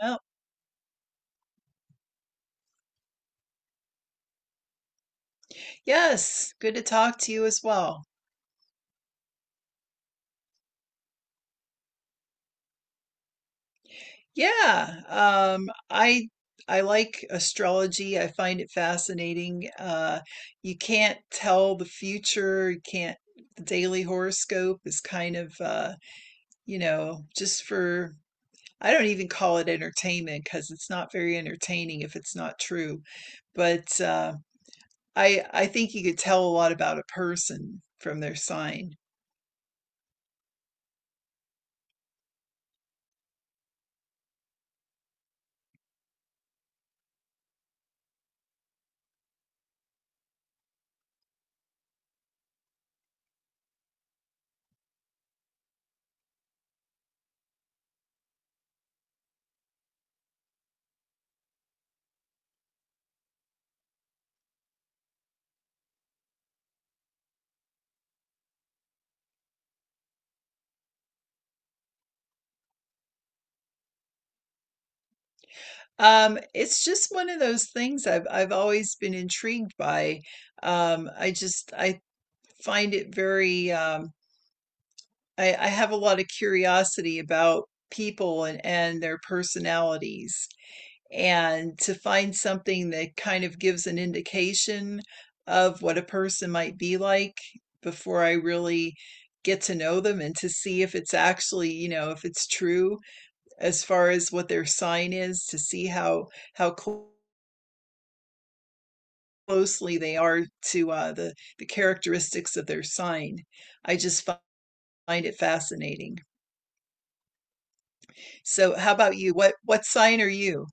Oh, yes. Good to talk to you as well. Yeah, I like astrology. I find it fascinating. You can't tell the future. You can't. The daily horoscope is kind of, just I don't even call it entertainment because it's not very entertaining if it's not true. But I think you could tell a lot about a person from their sign. It's just one of those things I've always been intrigued by. I find it very I have a lot of curiosity about people and their personalities. And to find something that kind of gives an indication of what a person might be like before I really get to know them and to see if it's actually, you know, if it's true as far as what their sign is, to see how how clo- closely they are to the characteristics of their sign. I just find it fascinating. So how about you? What sign are you?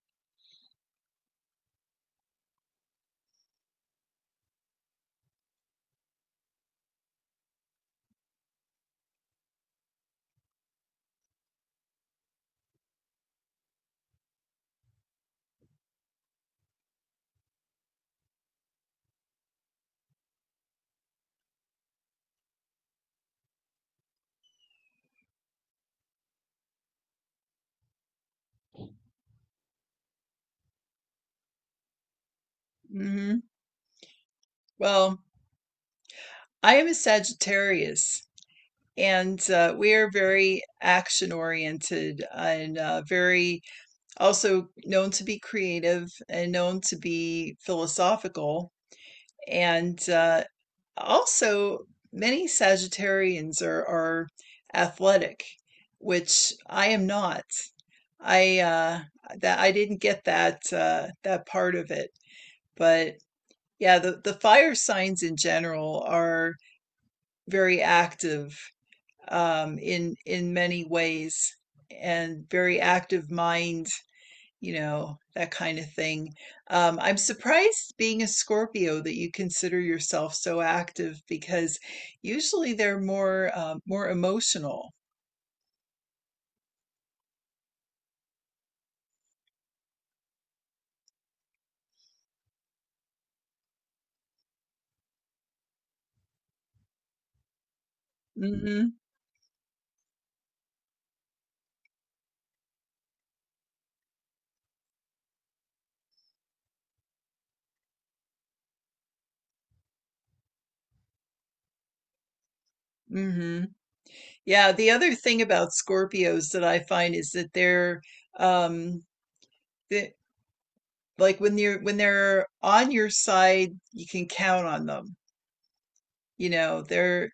Hmm. Well, I am a Sagittarius, and we are very action oriented and very also known to be creative and known to be philosophical. And uh, also, Many Sagittarians are athletic, which I am not. I that I didn't get that part of it. But yeah, the fire signs in general are very active in many ways and very active mind, you know, that kind of thing. I'm surprised being a Scorpio that you consider yourself so active because usually they're more emotional. Hmm. Hmm. Yeah, the other thing about Scorpios that I find is that um, th- like when they're on your side, you can count on them. You know, they're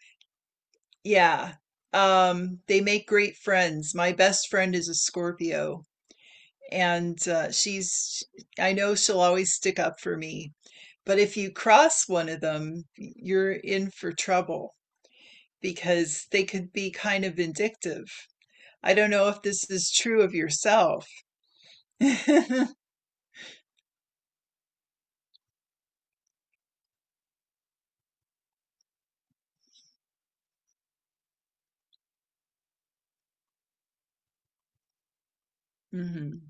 yeah. They make great friends. My best friend is a Scorpio, and she's I know she'll always stick up for me. But if you cross one of them, you're in for trouble because they could be kind of vindictive. I don't know if this is true of yourself. Hmm.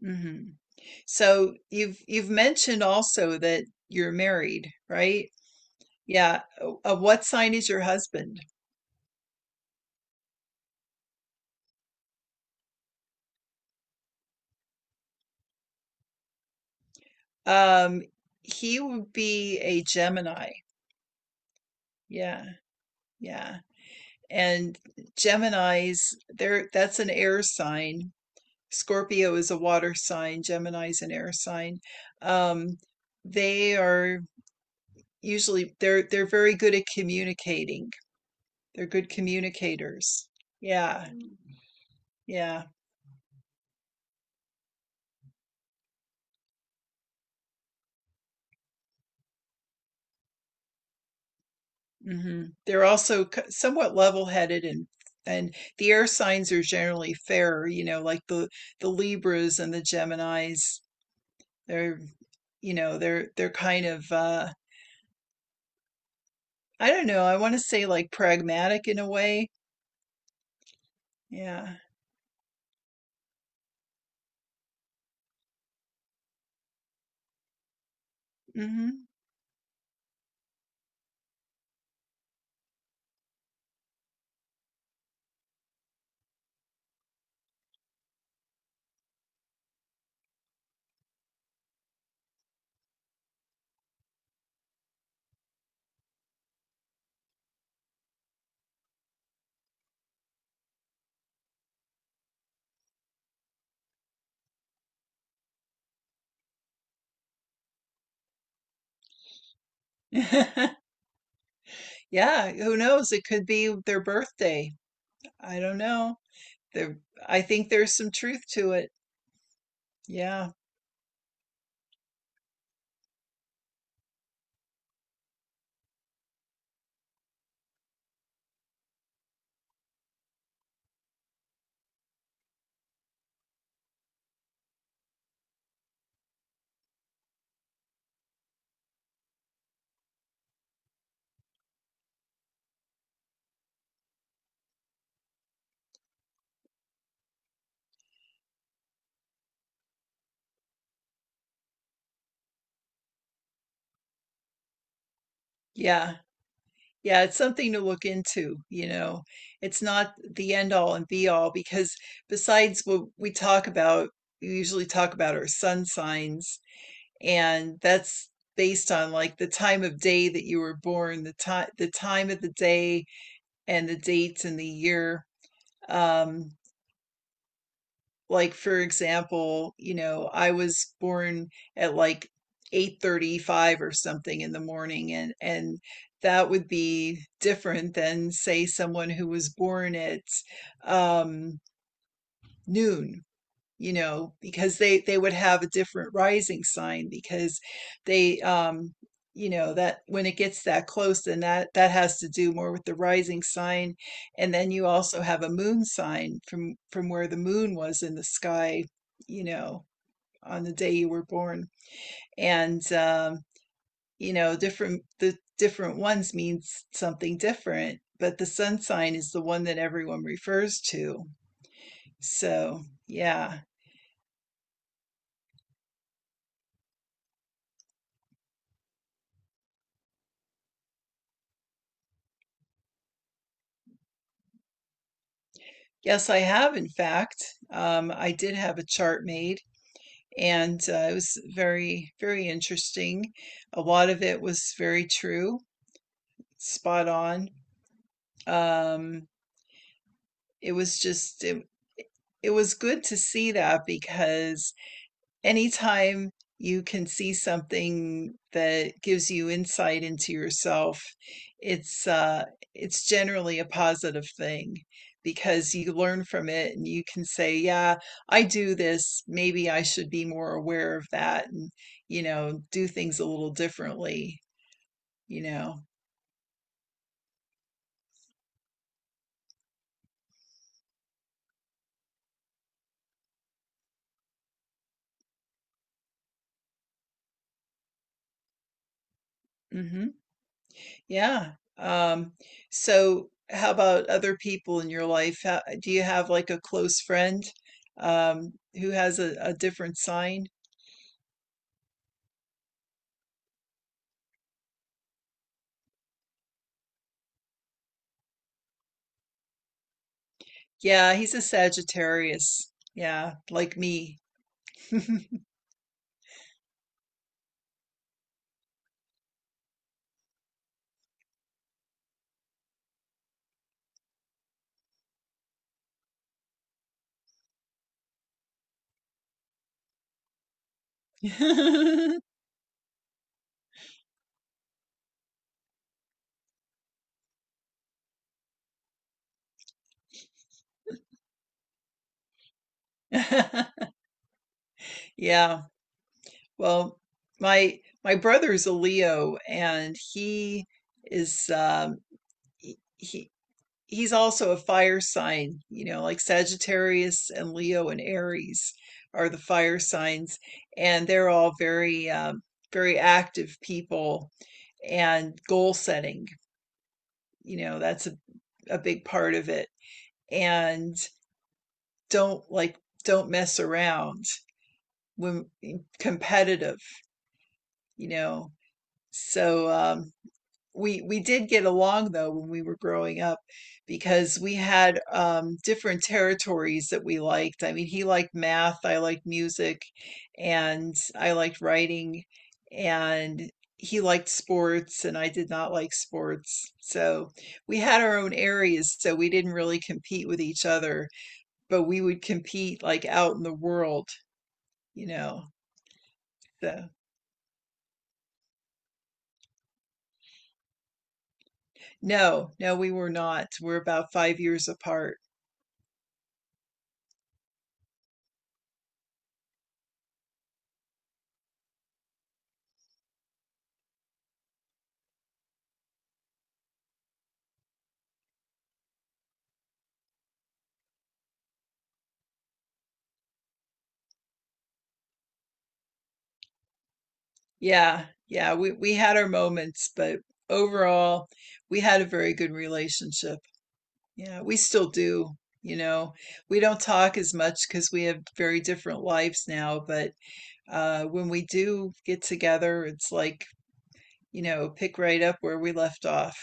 Hmm. So you've mentioned also that you're married, right? Yeah. What sign is your husband? Um, he would be a Gemini. Yeah, yeah. And Geminis, there that's an air sign. Scorpio is a water sign. Gemini's an air sign. Um, they are usually they're very good at communicating. They're good communicators. Yeah, yeah. Hmm. They're also somewhat level-headed, and the air signs are generally fairer, you know, like the Libras and the Geminis. They're, you know, they're kind of I don't know, I want to say like pragmatic in a way. Yeah. Hmm. Yeah, who knows? It could be their birthday. I don't know. There, I think there's some truth to it. Yeah. Yeah. Yeah, it's something to look into, you know. It's not the end all and be all because besides what we talk about, we usually talk about our sun signs, and that's based on like the time of day that you were born, the time of the day and the dates and the year. Um, like for example, you know, I was born at like 8:35 or something in the morning, and that would be different than say someone who was born at um noon, you know, because they would have a different rising sign because they you know, that when it gets that close, then that has to do more with the rising sign, and then you also have a moon sign from where the moon was in the sky, you know, on the day you were born. And you know, different ones means something different, but the sun sign is the one that everyone refers to, so yeah. Yes, I have, in fact. I did have a chart made, and it was very, very interesting. A lot of it was very true, spot on. Um, it was it was good to see that because anytime you can see something that gives you insight into yourself, it's uh it's generally a positive thing because you learn from it, and you can say yeah, I do this, maybe I should be more aware of that, and you know, do things a little differently, you know. Mhm. Yeah. Um, so how about other people in your life? How, do you have like a close friend who has a different sign? Yeah, he's a Sagittarius. Yeah, like me. Yeah. Well, my brother's a Leo, and he is he, he he's also a fire sign, you know, like Sagittarius and Leo and Aries are the fire signs, and they're all very very active people and goal setting. You know, that's a big part of it. And don't like, don't mess around when competitive, you know. So, we did get along though when we were growing up because we had different territories that we liked. I mean, he liked math, I liked music, and I liked writing, and he liked sports, and I did not like sports. So we had our own areas, so we didn't really compete with each other, but we would compete like out in the world, you know. So no, no, we were not. We're about 5 years apart. Yeah, yeah, we had our moments, but overall, we had a very good relationship. Yeah, we still do, you know. We don't talk as much because we have very different lives now, but when we do get together, it's like, you know, pick right up where we left off.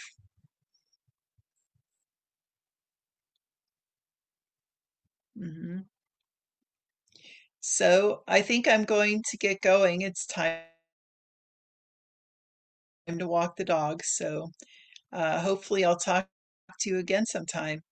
Hmm. So, I think I'm going to get going. It's time to walk the dog, so hopefully I'll talk to you again sometime.